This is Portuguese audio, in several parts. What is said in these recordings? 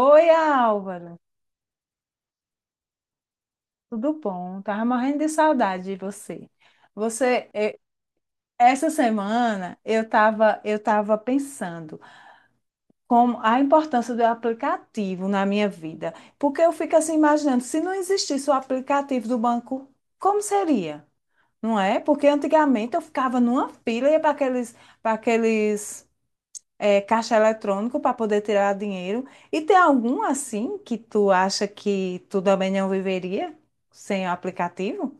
Oi, Álvaro, tudo bom? Tava morrendo de saudade de você. Você, essa semana eu tava pensando como a importância do aplicativo na minha vida, porque eu fico assim imaginando, se não existisse o aplicativo do banco, como seria? Não é? Porque antigamente eu ficava numa fila e ia para aqueles, para aqueles caixa eletrônico para poder tirar dinheiro. E tem algum assim que tu acha que tu também não viveria sem o aplicativo?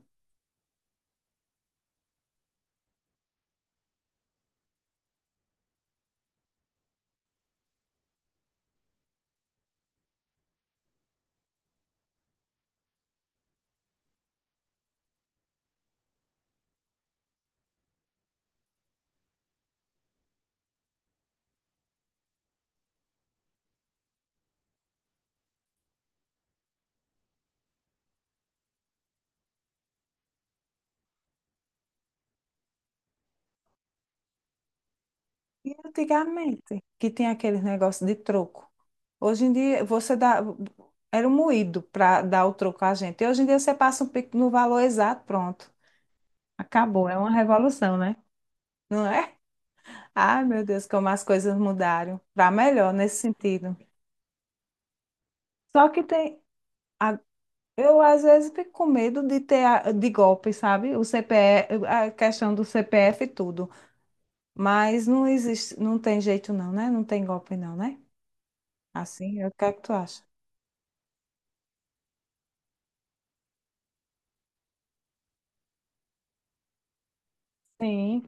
E antigamente, que tem aqueles negócios de troco. Hoje em dia, você dá. Era um moído para dar o troco a gente. E hoje em dia, você passa um pico no valor exato, pronto. Acabou. É uma revolução, né? Não é? Ai, meu Deus, como as coisas mudaram. Para melhor nesse sentido. Só que tem. Eu às vezes fico com medo de ter de golpe, sabe? O C CPF, a questão do CPF e tudo. Mas não existe, não tem jeito não, né? Não tem golpe não, né? Assim, é o que é que tu acha? Sim.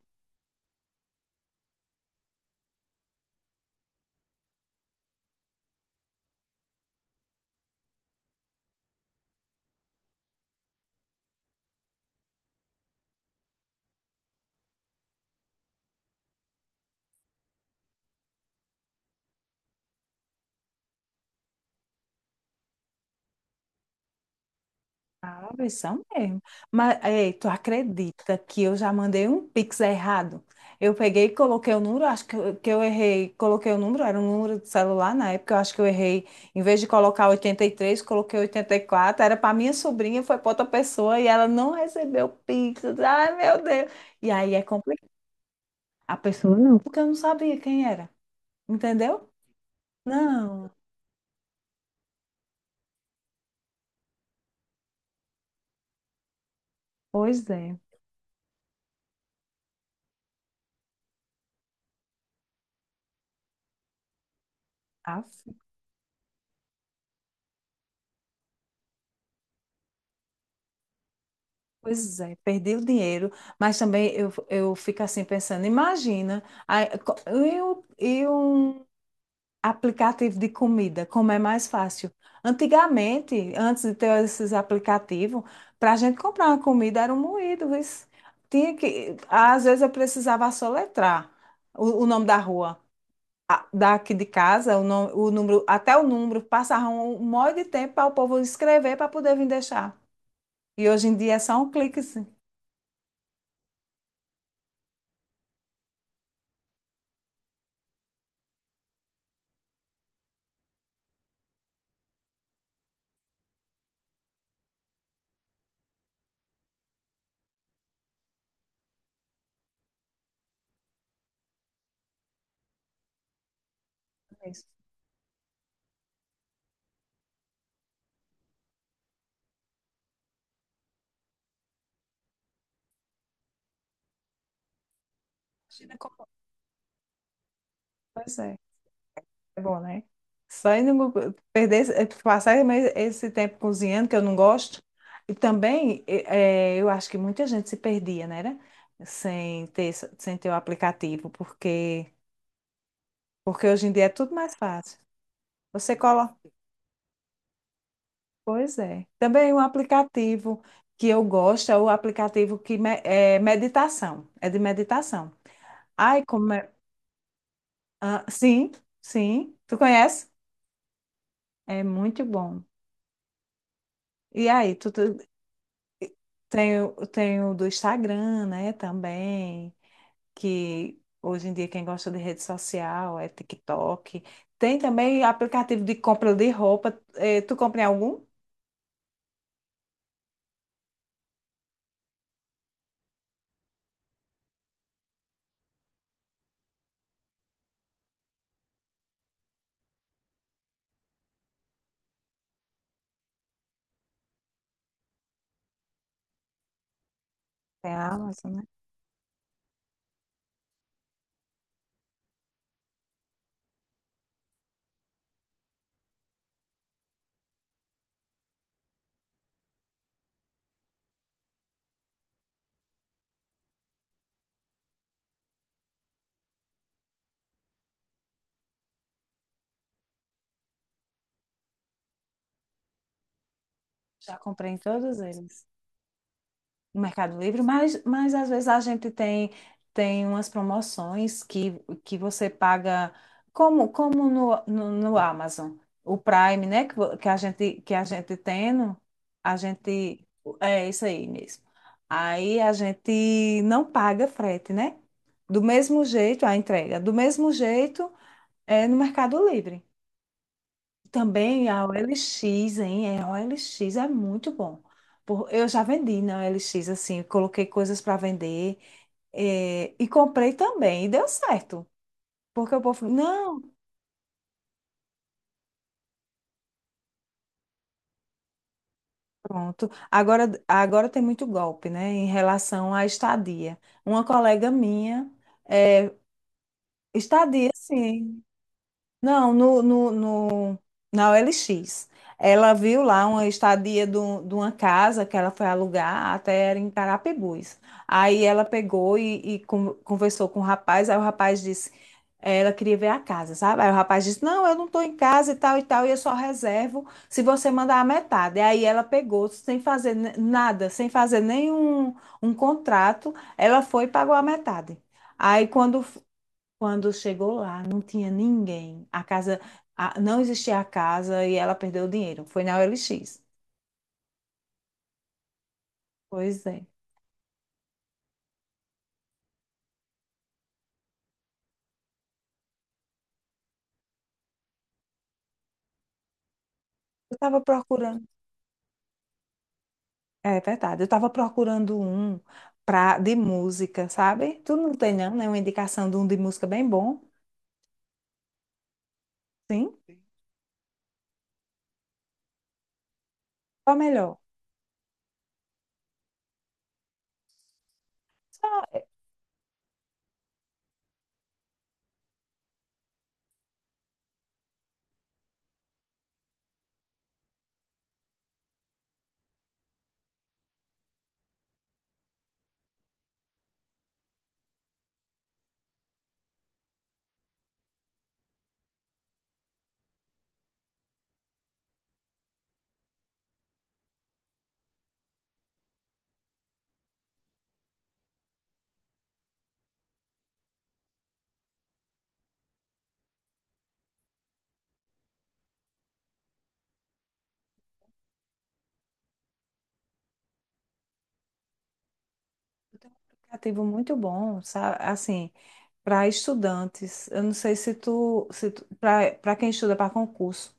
Sabe, são mesmo. Mas, ei, tu acredita que eu já mandei um Pix errado? Eu peguei e coloquei o número, acho que eu errei, coloquei o número, era um número de celular na época, eu acho que eu errei. Em vez de colocar 83, coloquei 84. Era para minha sobrinha, foi para outra pessoa e ela não recebeu o Pix. Ai, meu Deus. E aí é complicado. A pessoa não, porque eu não sabia quem era, entendeu? Não, pois é. Pois é, perdi o dinheiro, mas também eu fico assim pensando, imagina, aí, co- e um aplicativo de comida, como é mais fácil. Antigamente, antes de ter esses aplicativos, para a gente comprar uma comida era um moído, isso. Tinha que, às vezes eu precisava soletrar o nome da rua, daqui de casa, o, nome, o número, até o número, passava um monte de tempo para o povo escrever para poder vir deixar. E hoje em dia é só um clique, assim. Imagina como- Pois é, é bom, né? Só indo perder, passar mais esse tempo cozinhando, que eu não gosto. E também, eu acho que muita gente se perdia, né? Sem ter, sem ter o aplicativo, porque hoje em dia é tudo mais fácil. Você coloca. Pois é. Também um aplicativo que eu gosto é o aplicativo é meditação. É de meditação. Ai, como é. Ah, sim. Tu conhece? É muito bom. E aí, tu, tu tem, tem o do Instagram, né, também, que hoje em dia quem gosta de rede social é TikTok. Tem também aplicativo de compra de roupa. Eh, tu compra em algum? Tem a Amazon, né? Já comprei em todos eles. No Mercado Livre, mas, às vezes a gente tem, tem umas promoções que você paga, como no Amazon, o Prime, né? Que, que a gente, tendo, a gente. É isso aí mesmo. Aí a gente não paga frete, né? Do mesmo jeito, a entrega, do mesmo jeito é no Mercado Livre. Também a OLX, hein? É, a OLX é muito bom. Eu já vendi na OLX, assim, coloquei coisas para vender, e comprei também, e deu certo. Porque o povo, falou, não, pronto. Agora, tem muito golpe, né, em relação à estadia. Uma colega minha, eh, estadia, sim. Não, no, no, no, na OLX. Ela viu lá uma estadia de uma casa que ela foi alugar, até era em Carapebus. Aí ela pegou e, e conversou com o rapaz, aí o rapaz disse, ela queria ver a casa, sabe? Aí o rapaz disse, não, eu não estou em casa e tal e tal, e eu só reservo se você mandar a metade. Aí ela pegou, sem fazer nada, sem fazer nenhum um contrato, ela foi e pagou a metade. Aí quando quando chegou lá, não tinha ninguém. A casa, não existia a casa e ela perdeu o dinheiro. Foi na OLX. Pois é. Eu estava procurando. É verdade. Eu estava procurando um pra, de música, sabe? Tu não tem, não, né? Uma indicação de um de música bem bom. Sim. Sim. Qual é melhor? Só eu tenho um aplicativo muito bom, sabe? Assim, para estudantes. Eu não sei se tu para quem estuda para concurso.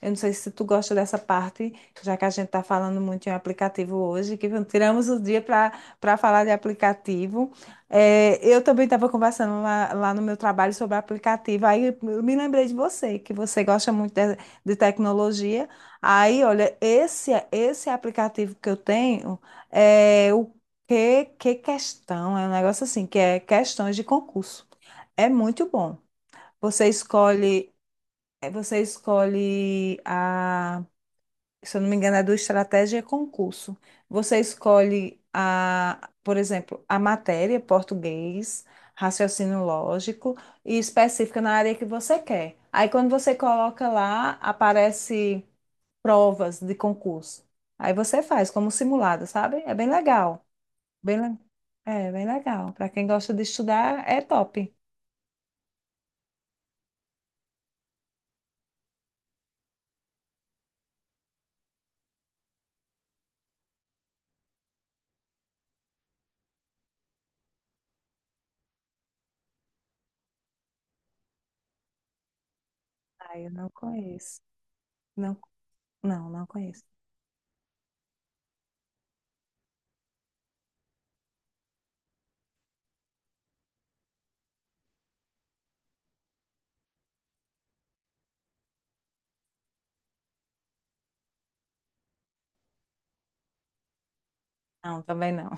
Eu não sei se tu gosta dessa parte, já que a gente está falando muito em aplicativo hoje, que tiramos o dia para falar de aplicativo. É, eu também estava conversando lá no meu trabalho sobre aplicativo, aí eu me lembrei de você, que você gosta muito de tecnologia. Aí, olha, esse aplicativo que eu tenho é o que, que questão, é um negócio assim, que é questões de concurso. É muito bom. Você escolhe é, Você escolhe a, se eu não me engano, é do Estratégia e Concurso. Você escolhe a, por exemplo, a matéria, português, raciocínio lógico e específica na área que você quer. Aí quando você coloca lá, aparece provas de concurso. Aí você faz como simulado, sabe? É bem legal. Bem, le- é bem legal. Para quem gosta de estudar, é top. Ah, eu não conheço. Não, não conheço. Não, também não.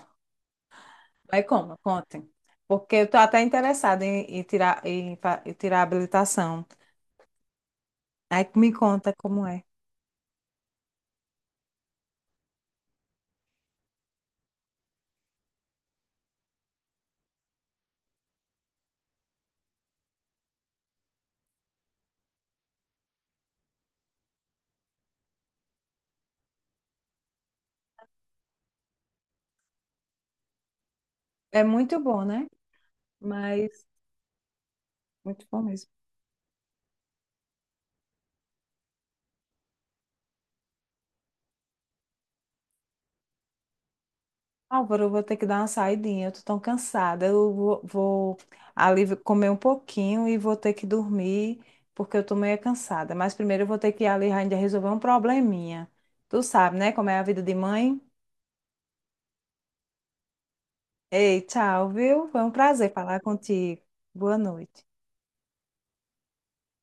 Aí como? Contem. Porque eu tô até interessada em, em tirar a habilitação. Aí me conta como é. É muito bom, né? Mas muito bom mesmo. Álvaro, eu vou ter que dar uma saidinha. Eu tô tão cansada. Vou ali comer um pouquinho e vou ter que dormir, porque eu tô meio cansada. Mas primeiro eu vou ter que ir ali ainda resolver um probleminha. Tu sabe, né? Como é a vida de mãe. Ei, tchau, viu? Foi um prazer falar contigo. Boa noite.